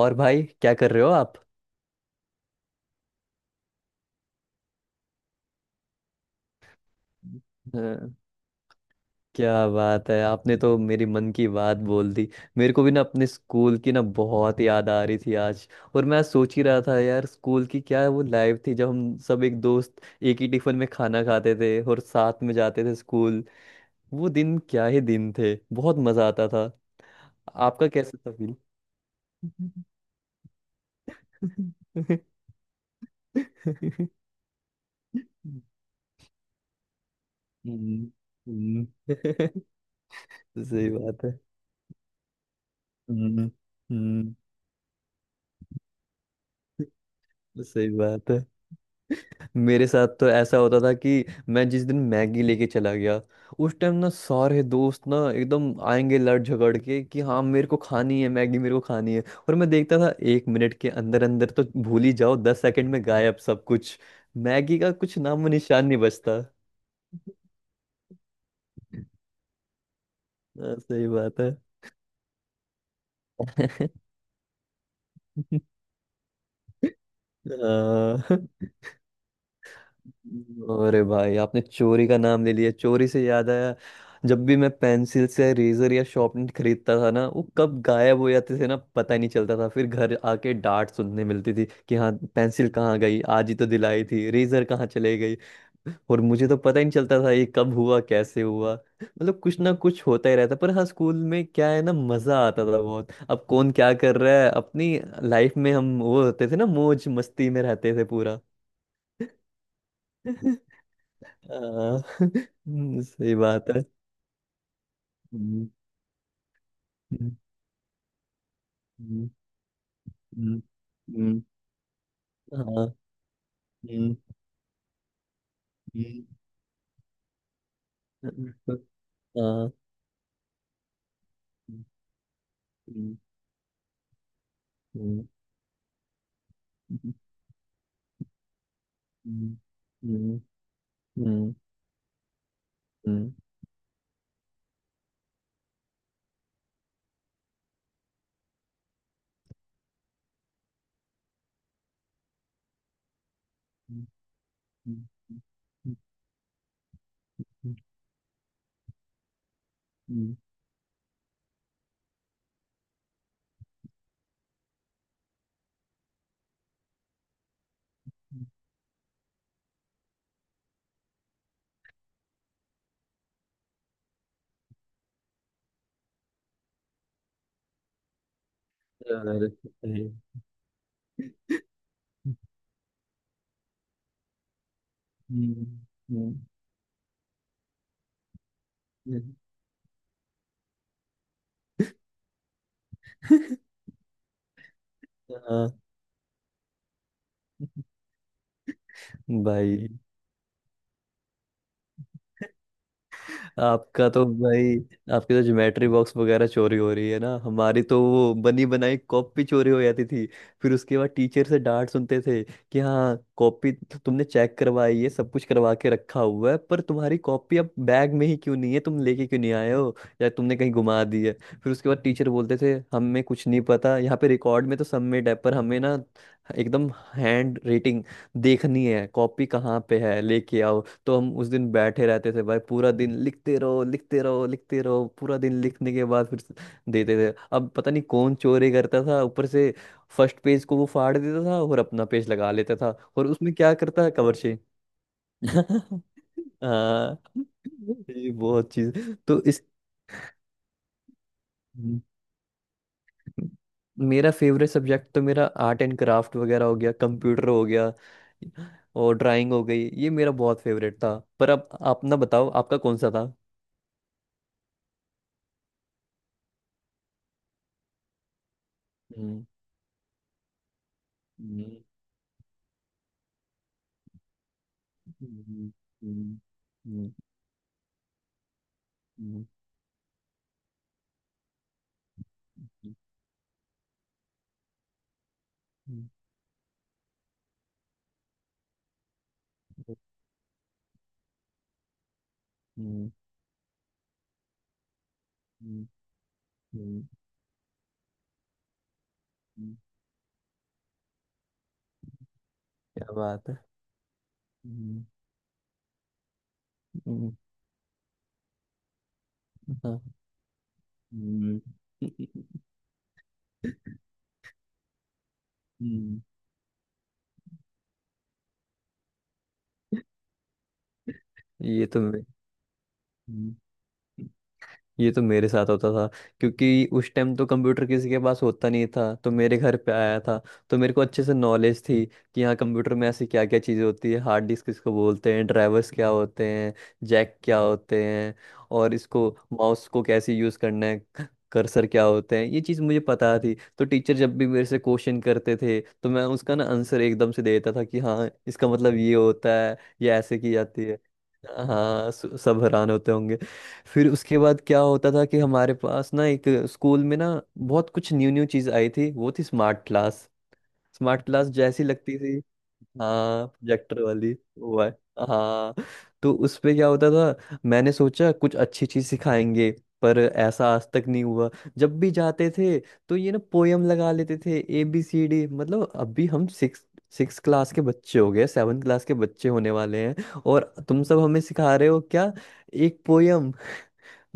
और भाई क्या कर रहे हो आप। हाँ, क्या बात है, आपने तो मेरी मन की बात बोल दी। मेरे को भी ना अपने स्कूल की ना बहुत याद आ रही थी आज। और मैं सोच ही रहा था, यार स्कूल की क्या वो लाइफ थी जब हम सब एक दोस्त एक ही टिफिन में खाना खाते थे और साथ में जाते थे स्कूल। वो दिन क्या ही दिन थे, बहुत मजा आता था। आपका कैसा था फील? हम्म, हम्म, सही बात है। हम्म, हम्म। सही बात है। मेरे साथ तो ऐसा होता था कि मैं जिस दिन मैगी लेके चला गया उस टाइम ना सारे दोस्त ना एकदम आएंगे लड़ झगड़ के कि हाँ मेरे को खानी है मैगी, मेरे को खानी है। और मैं देखता था 1 मिनट के अंदर अंदर तो भूल ही जाओ, 10 सेकंड में गायब सब कुछ। मैगी का कुछ नामो निशान नहीं बचता। हाँ, सही बात है। हाँ। अरे भाई, आपने चोरी का नाम ले लिया, चोरी से याद आया। जब भी मैं पेंसिल से रेजर या शार्पनर खरीदता था ना वो कब गायब हो जाते थे ना पता ही नहीं चलता था, फिर घर आके डांट सुनने मिलती थी कि हाँ पेंसिल कहाँ गई, आज ही तो दिलाई थी, रेजर कहाँ चले गई। और मुझे तो पता ही नहीं चलता था ये कब हुआ कैसे हुआ। मतलब कुछ ना कुछ होता ही रहता, पर हाँ स्कूल में क्या है ना, मजा आता था बहुत। अब कौन क्या कर रहा है अपनी लाइफ में, हम वो होते थे ना, मौज मस्ती में रहते थे पूरा। हाँ। सही बात है। हम्म। हम्म। हम्म। हम्म। हम्म। हाँ। हम्म। हम्म। हाँ। हम्म। हम्म। हम्म। हम्म। हम्म। हम्म। हम्म। हम्म। यार, सही। हम्म। हम्म। हम्म। हाँ। भाई आपका तो भाई आपकी तो ज्योमेट्री बॉक्स वगैरह चोरी हो रही है ना, हमारी तो वो बनी बनाई कॉपी चोरी हो जाती थी। फिर उसके बाद टीचर से डांट सुनते थे कि हाँ कॉपी तो तुमने चेक करवाई है, सब कुछ करवा के रखा हुआ है, पर तुम्हारी कॉपी अब बैग में ही क्यों नहीं है, तुम लेके क्यों नहीं आए हो, या तुमने कहीं गुमा दी है। फिर उसके बाद टीचर बोलते थे हमें कुछ नहीं पता, यहाँ पे रिकॉर्ड में तो सबमिट है पर हमें ना एकदम हैंड रेटिंग देखनी है कॉपी, कहाँ पे है लेके आओ। तो हम उस दिन बैठे रहते थे भाई, पूरा दिन लिखते रहो लिखते रहो लिखते रहो, पूरा दिन लिखने के बाद फिर से देते थे। अब पता नहीं कौन चोरी करता था, ऊपर से फर्स्ट पेज को वो फाड़ देता था और अपना पेज लगा लेता था। और उसमें क्या करता है कवर से। हाँ। ये बहुत चीज। तो इस। हम्म। मेरा फेवरेट सब्जेक्ट तो मेरा आर्ट एंड क्राफ्ट वगैरह हो गया, कंप्यूटर हो गया और ड्राइंग हो गई। ये मेरा बहुत फेवरेट था, पर अब अपना बताओ आपका कौन सा था? क्या बात है। हम्म। हम्म। हाँ। हम्म। हम्म। ये तो मैं ये तो मेरे साथ होता था, क्योंकि उस टाइम तो कंप्यूटर किसी के पास होता नहीं था, तो मेरे घर पे आया था, तो मेरे को अच्छे से नॉलेज थी कि हाँ कंप्यूटर में ऐसी क्या क्या चीज़ें होती है, हार्ड डिस्क किसको बोलते हैं, ड्राइवर्स क्या होते हैं, जैक क्या होते हैं, और इसको माउस को कैसे यूज़ करना है, कर्सर क्या होते हैं। ये चीज़ मुझे पता थी, तो टीचर जब भी मेरे से क्वेश्चन करते थे तो मैं उसका ना आंसर एकदम से दे देता था कि हाँ इसका मतलब ये होता है, ये ऐसे की जाती है। हाँ, सब हैरान होते होंगे। फिर उसके बाद क्या होता था कि हमारे पास ना एक स्कूल में ना बहुत कुछ न्यू न्यू चीज आई थी, वो थी स्मार्ट क्लास। स्मार्ट क्लास जैसी लगती थी। हाँ प्रोजेक्टर वाली, वो है। हाँ। तो उस पे क्या होता था, मैंने सोचा कुछ अच्छी चीज सिखाएंगे, पर ऐसा आज तक नहीं हुआ। जब भी जाते थे तो ये ना पोयम लगा लेते थे, ए बी सी डी। मतलब अभी हम सिक्स सिक्स क्लास के बच्चे हो गए, सेवन क्लास के बच्चे होने वाले हैं, और तुम सब हमें सिखा रहे हो क्या, एक पोयम?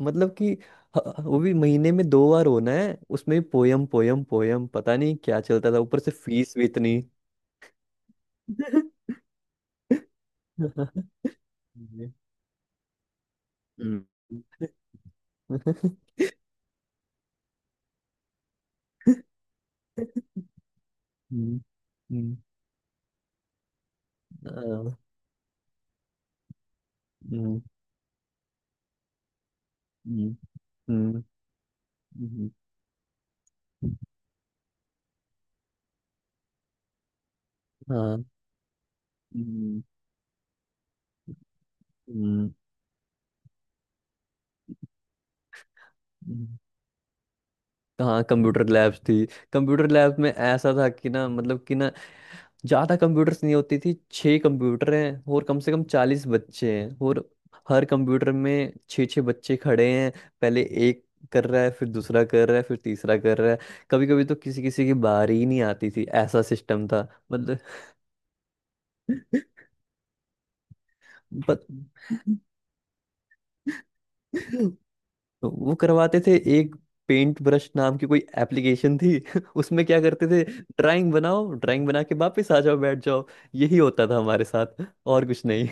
मतलब कि वो भी महीने में दो बार होना है, उसमें भी पोयम पोयम पोयम पता नहीं क्या चलता था, ऊपर से फीस भी इतनी। हम्म। हम्म। हम्म, हाँ। हम्म। हम्म। हम्म। हम्म। हाँ। हम्म। हम्म। हम्म। हाँ कंप्यूटर लैब्स थी। कंप्यूटर लैब्स में ऐसा था कि ना मतलब कि ना ज्यादा कंप्यूटर्स नहीं होती थी, छह कंप्यूटर हैं और कम से कम 40 बच्चे हैं, और हर कंप्यूटर में छः छः बच्चे खड़े हैं। पहले एक कर रहा है, फिर दूसरा कर रहा है, फिर तीसरा कर रहा है, कभी कभी तो किसी किसी की बारी ही नहीं आती थी, ऐसा सिस्टम था। मतलब बत, वो करवाते थे एक पेंट ब्रश नाम की कोई एप्लीकेशन थी। उसमें क्या करते थे, ड्राइंग बनाओ, ड्राइंग बना के वापस आ जाओ, बैठ जाओ। यही होता था हमारे साथ, और कुछ नहीं।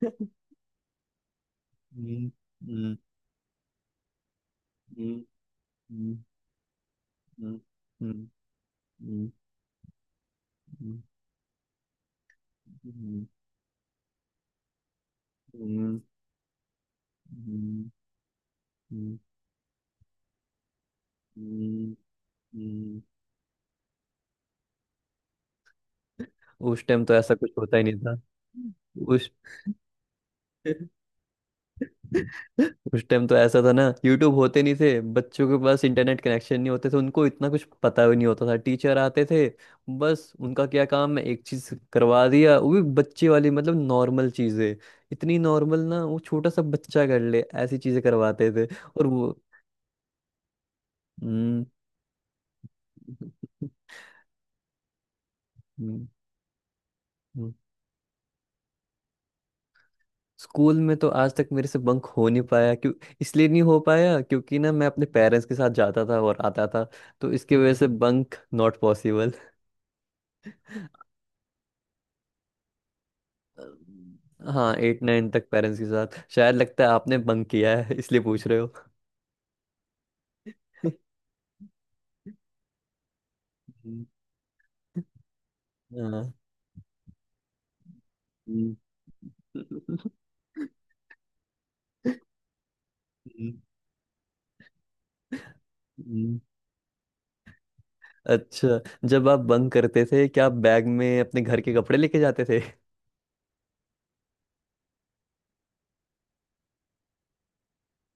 हम्म। हम्म। हम्म। हम्म। हम्म। हम्म। हम्म। हम्म। हम्म। हम्म। हम्म। हम्म। हम्म। हम्म। उस टाइम तो ऐसा कुछ होता ही नहीं था। उस उस टाइम तो ऐसा था ना, यूट्यूब होते नहीं थे, बच्चों के पास इंटरनेट कनेक्शन नहीं होते थे, उनको इतना कुछ पता भी नहीं होता था। टीचर आते थे, बस उनका क्या काम है, एक चीज करवा दिया, वो भी बच्चे वाली मतलब नॉर्मल चीजें, इतनी नॉर्मल ना वो छोटा सा बच्चा कर ले ऐसी चीजें करवाते थे। और वो हम्म। हम्म। स्कूल में तो आज तक मेरे से बंक हो नहीं पाया, क्यों? इसलिए नहीं हो पाया क्योंकि ना मैं अपने पेरेंट्स के साथ जाता था और आता था, तो इसकी वजह से बंक नॉट पॉसिबल। हाँ एट नाइन तक पेरेंट्स के साथ, शायद लगता है आपने बंक किया है इसलिए पूछ रहे हो। हम्म, हाँ। हम्म। हम्म। हम्म। अच्छा, जब आप बंक करते थे क्या आप बैग में अपने घर के कपड़े लेके जाते थे?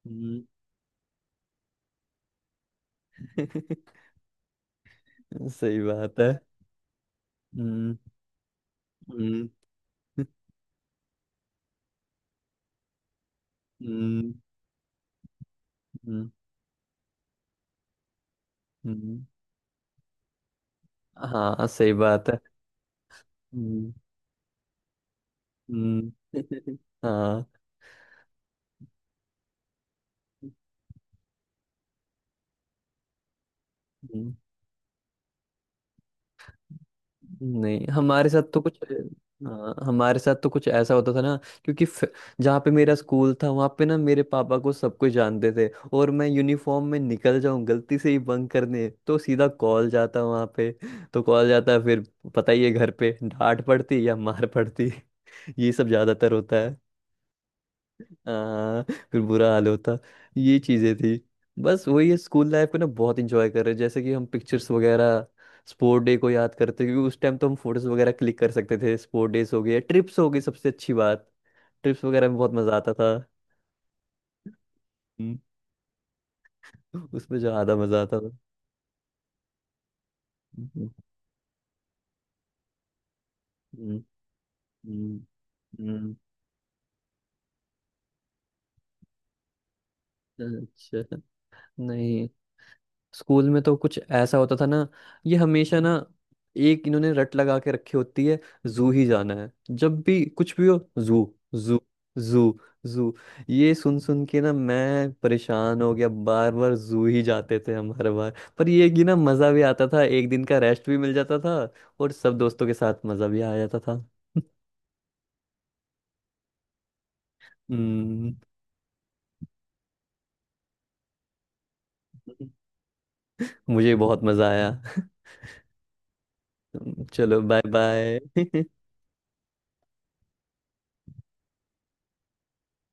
हम्म। सही बात है। हम्म। हम्म। हम्म। हम्म। हम्म। हाँ, सही बात है। हम्म। हम्म। हाँ। हम्म। नहीं हमारे साथ तो कुछ, हाँ हमारे साथ तो कुछ ऐसा होता था ना, क्योंकि जहाँ पे मेरा स्कूल था वहाँ पे ना मेरे पापा को सब कुछ जानते थे। और मैं यूनिफॉर्म में निकल जाऊँ गलती से ही बंक करने तो सीधा कॉल जाता वहाँ पे। तो कॉल जाता, फिर पता ही है घर पे डांट पड़ती या मार पड़ती। ये सब ज्यादातर होता। हाँ, फिर बुरा हाल होता। ये चीजें थी। बस वही है, स्कूल लाइफ को ना बहुत इंजॉय कर रहे हैं, जैसे कि हम पिक्चर्स वगैरह, स्पोर्ट डे को याद करते, क्योंकि उस टाइम तो हम फोटोज वगैरह क्लिक कर सकते थे, स्पोर्ट डेज हो गए, ट्रिप्स हो गई। सबसे अच्छी बात, ट्रिप्स वगैरह में बहुत मजा आता था। हम्म, उसमें ज्यादा मजा आता था। हम्म। हम्म। हम्म। हम्म। अच्छा। नहीं स्कूल में तो कुछ ऐसा होता था ना, ये हमेशा ना एक इन्होंने रट लगा के रखी होती है, जू ही जाना है जब भी कुछ भी हो। जू, जू, जू, जू, ये सुन सुन के ना मैं परेशान हो गया, बार बार जू ही जाते थे हम हर बार, पर ये कि ना मजा भी आता था, एक दिन का रेस्ट भी मिल जाता था और सब दोस्तों के साथ मजा भी आ जाता था। हम्म। मुझे बहुत मजा आया। चलो, बाय बाय।